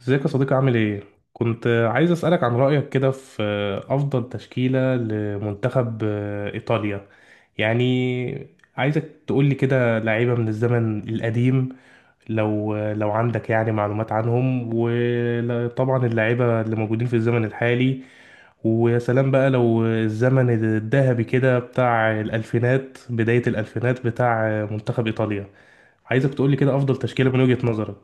ازيك يا صديقي؟ عامل ايه؟ كنت عايز اسألك عن رأيك كده في أفضل تشكيلة لمنتخب إيطاليا يعني. عايزك تقولي كده لعيبة من الزمن القديم لو عندك يعني معلومات عنهم، وطبعا اللعيبة اللي موجودين في الزمن الحالي. ويا سلام بقى لو الزمن الذهبي كده بتاع الألفينات، بداية الألفينات بتاع منتخب إيطاليا. عايزك تقولي كده أفضل تشكيلة من وجهة نظرك.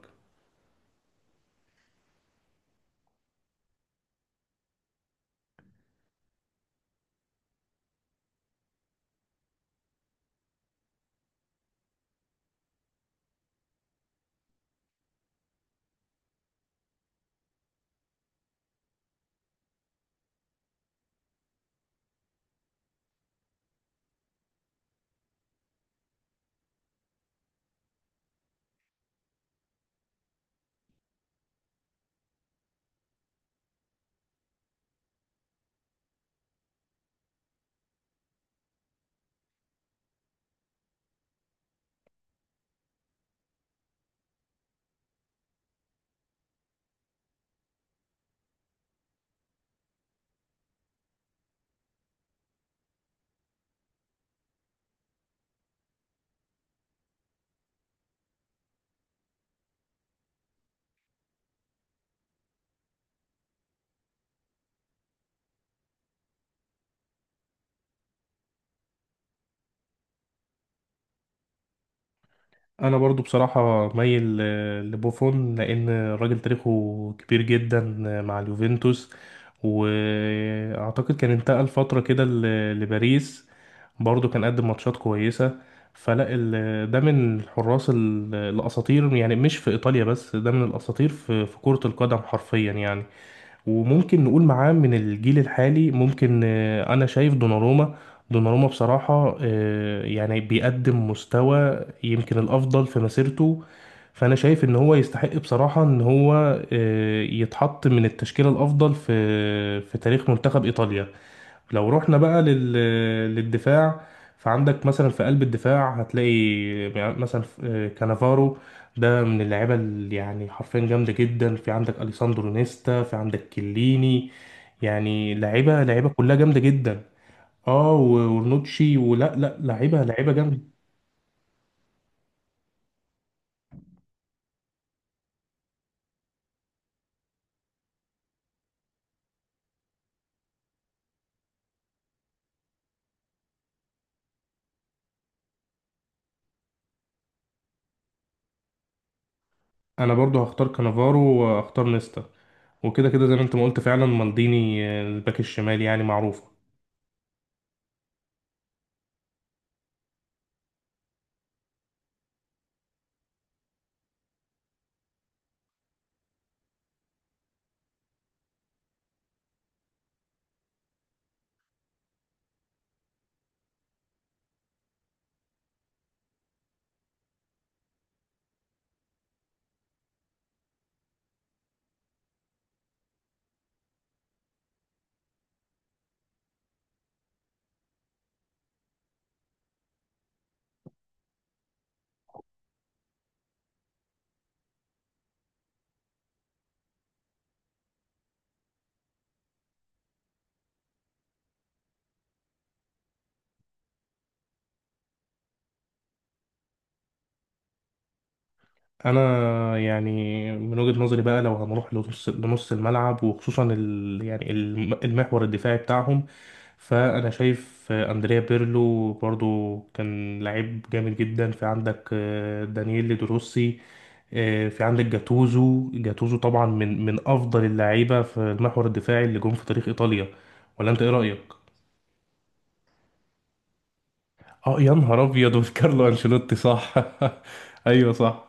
انا برضو بصراحة مايل لبوفون، لان الراجل تاريخه كبير جدا مع اليوفنتوس. واعتقد كان انتقل فترة كده لباريس، برضو كان قدم ماتشات كويسة. فلا ده من الحراس الاساطير، يعني مش في ايطاليا بس، ده من الاساطير في كرة القدم حرفيا يعني. وممكن نقول معاه من الجيل الحالي، ممكن انا شايف دوناروما. دوناروما بصراحة يعني بيقدم مستوى يمكن الافضل في مسيرته. فانا شايف ان هو يستحق بصراحة ان هو يتحط من التشكيلة الافضل في في تاريخ منتخب ايطاليا. لو رحنا بقى للدفاع، فعندك مثلا في قلب الدفاع هتلاقي مثلا كانافارو. ده من اللعيبه اللي يعني حرفيا جامده جدا، في عندك اليساندرو نيستا، في عندك كيليني. يعني لعيبه لعيبه كلها جامده جدا. اه ورنوتشي، ولا لا لعيبه لعيبه جامده. انا برضو هختار كانافارو واختار نيستا، وكده كده زي ما انت ما قلت فعلا مالديني الباك الشمال يعني معروف. انا يعني من وجهة نظري بقى، لو هنروح لنص لنص الملعب وخصوصا ال يعني المحور الدفاعي بتاعهم، فانا شايف اندريا بيرلو برضو كان لعيب جامد جدا، في عندك دانييل دروسي. في عندك جاتوزو. جاتوزو طبعا من افضل اللعيبه في المحور الدفاعي اللي جم في تاريخ ايطاليا. ولا انت ايه رايك؟ اه يا نهار ابيض! وفي كارلو انشيلوتي، صح. ايوه، صح.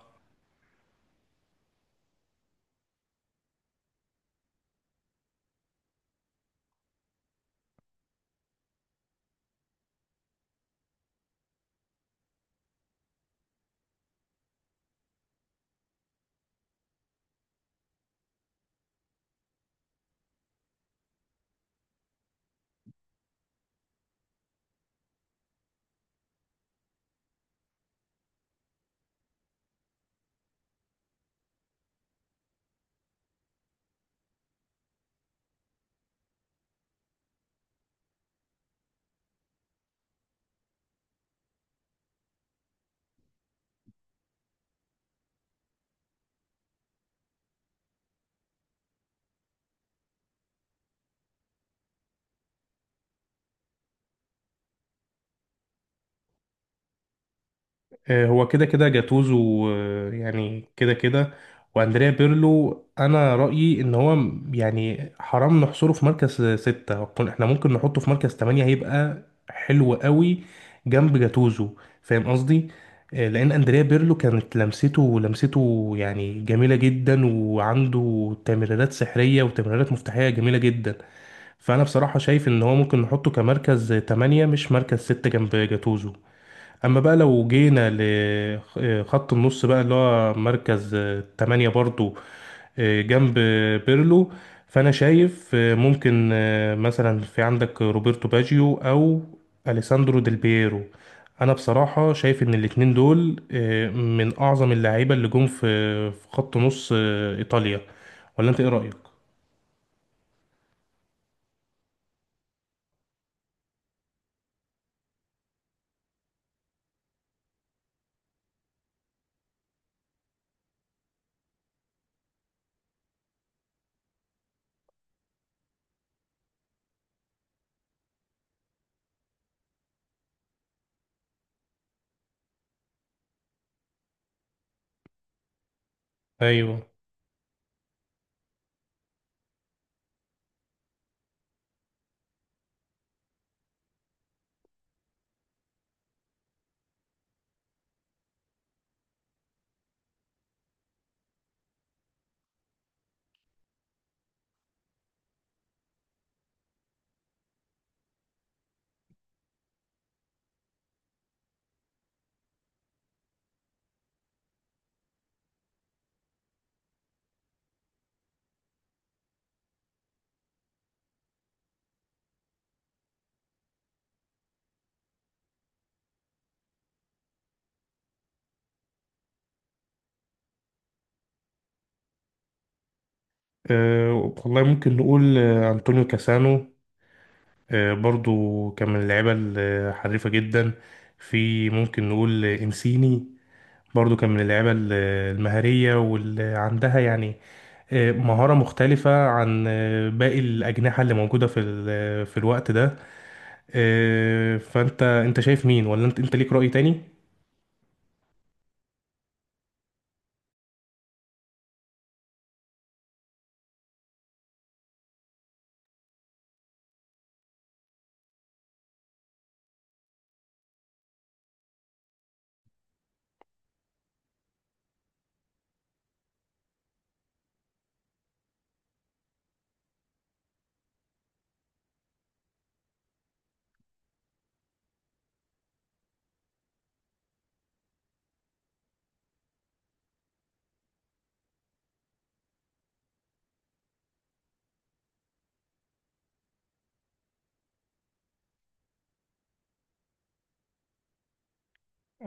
هو كده كده جاتوزو، يعني كده كده. واندريا بيرلو، انا رايي ان هو يعني حرام نحصره في مركز ستة. احنا ممكن نحطه في مركز تمانية، هيبقى حلو قوي جنب جاتوزو. فاهم قصدي؟ لان اندريا بيرلو كانت لمسته يعني جميله جدا، وعنده تمريرات سحريه وتمريرات مفتاحيه جميله جدا. فانا بصراحه شايف ان هو ممكن نحطه كمركز تمانية، مش مركز ستة جنب جاتوزو. اما بقى لو جينا لخط النص بقى، اللي هو مركز تمانية برضو جنب بيرلو، فانا شايف ممكن مثلا في عندك روبرتو باجيو او اليساندرو ديل بييرو. انا بصراحة شايف ان الاتنين دول من اعظم اللعيبة اللي جم في في خط نص ايطاليا. ولا انت ايه رأيك؟ ايوه. أه والله ممكن نقول انطونيو كاسانو، برضو كان من اللعيبة الحريفة جدا. في ممكن نقول إنسيني، برضو كان من اللعيبة المهارية واللي عندها يعني مهارة مختلفة عن باقي الأجنحة اللي موجودة في الوقت ده. فأنت شايف مين؟ ولا أنت ليك رأي تاني؟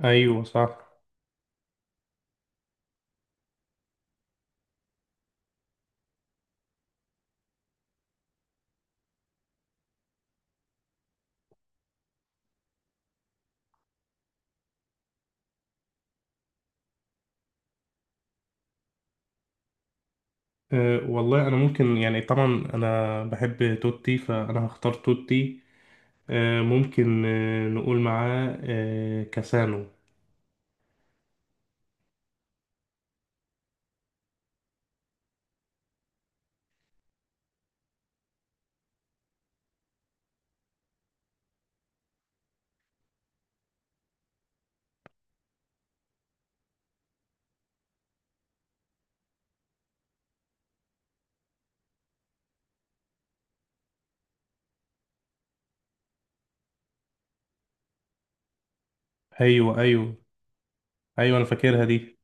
ايوه صح. أه والله انا ممكن يعني طبعا انا بحب توتي فانا هختار توتي. أه ممكن أه نقول معاه أه كاسانو. ايوه، ايوه. ايوه انا فاكرها دي.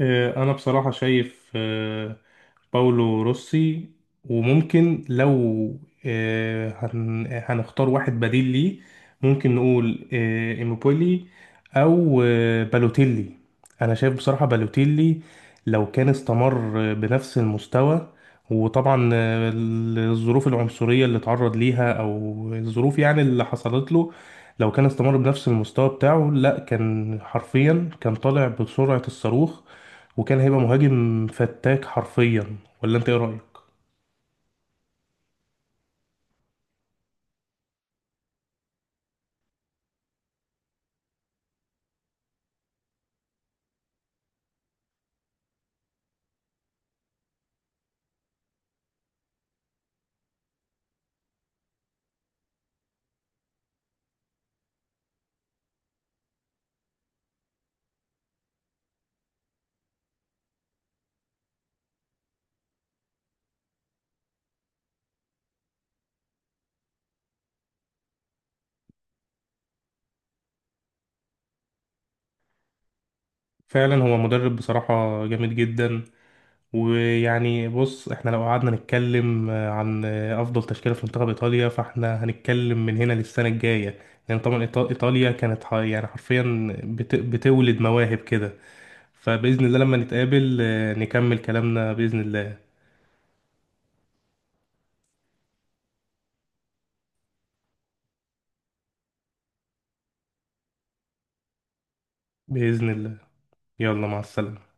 انا بصراحة شايف باولو روسي. وممكن لو هنختار واحد بديل ليه، ممكن نقول إيموبولي او بالوتيلي. انا شايف بصراحة بالوتيلي لو كان استمر بنفس المستوى، وطبعا الظروف العنصرية اللي اتعرض ليها او الظروف يعني اللي حصلت له، لو كان استمر بنفس المستوى بتاعه لا كان حرفيا كان طالع بسرعة الصاروخ، وكان هيبقى مهاجم فتاك حرفيا. ولا انت ايه رأيك؟ فعلا هو مدرب بصراحة جامد جدا. ويعني بص، احنا لو قعدنا نتكلم عن افضل تشكيلة في منتخب ايطاليا، فاحنا هنتكلم من هنا للسنة الجاية. لان طبعا ايطاليا كانت يعني حرفيا بتولد مواهب كده. فبإذن الله لما نتقابل نكمل كلامنا بإذن الله. بإذن الله. يلا مع السلامة.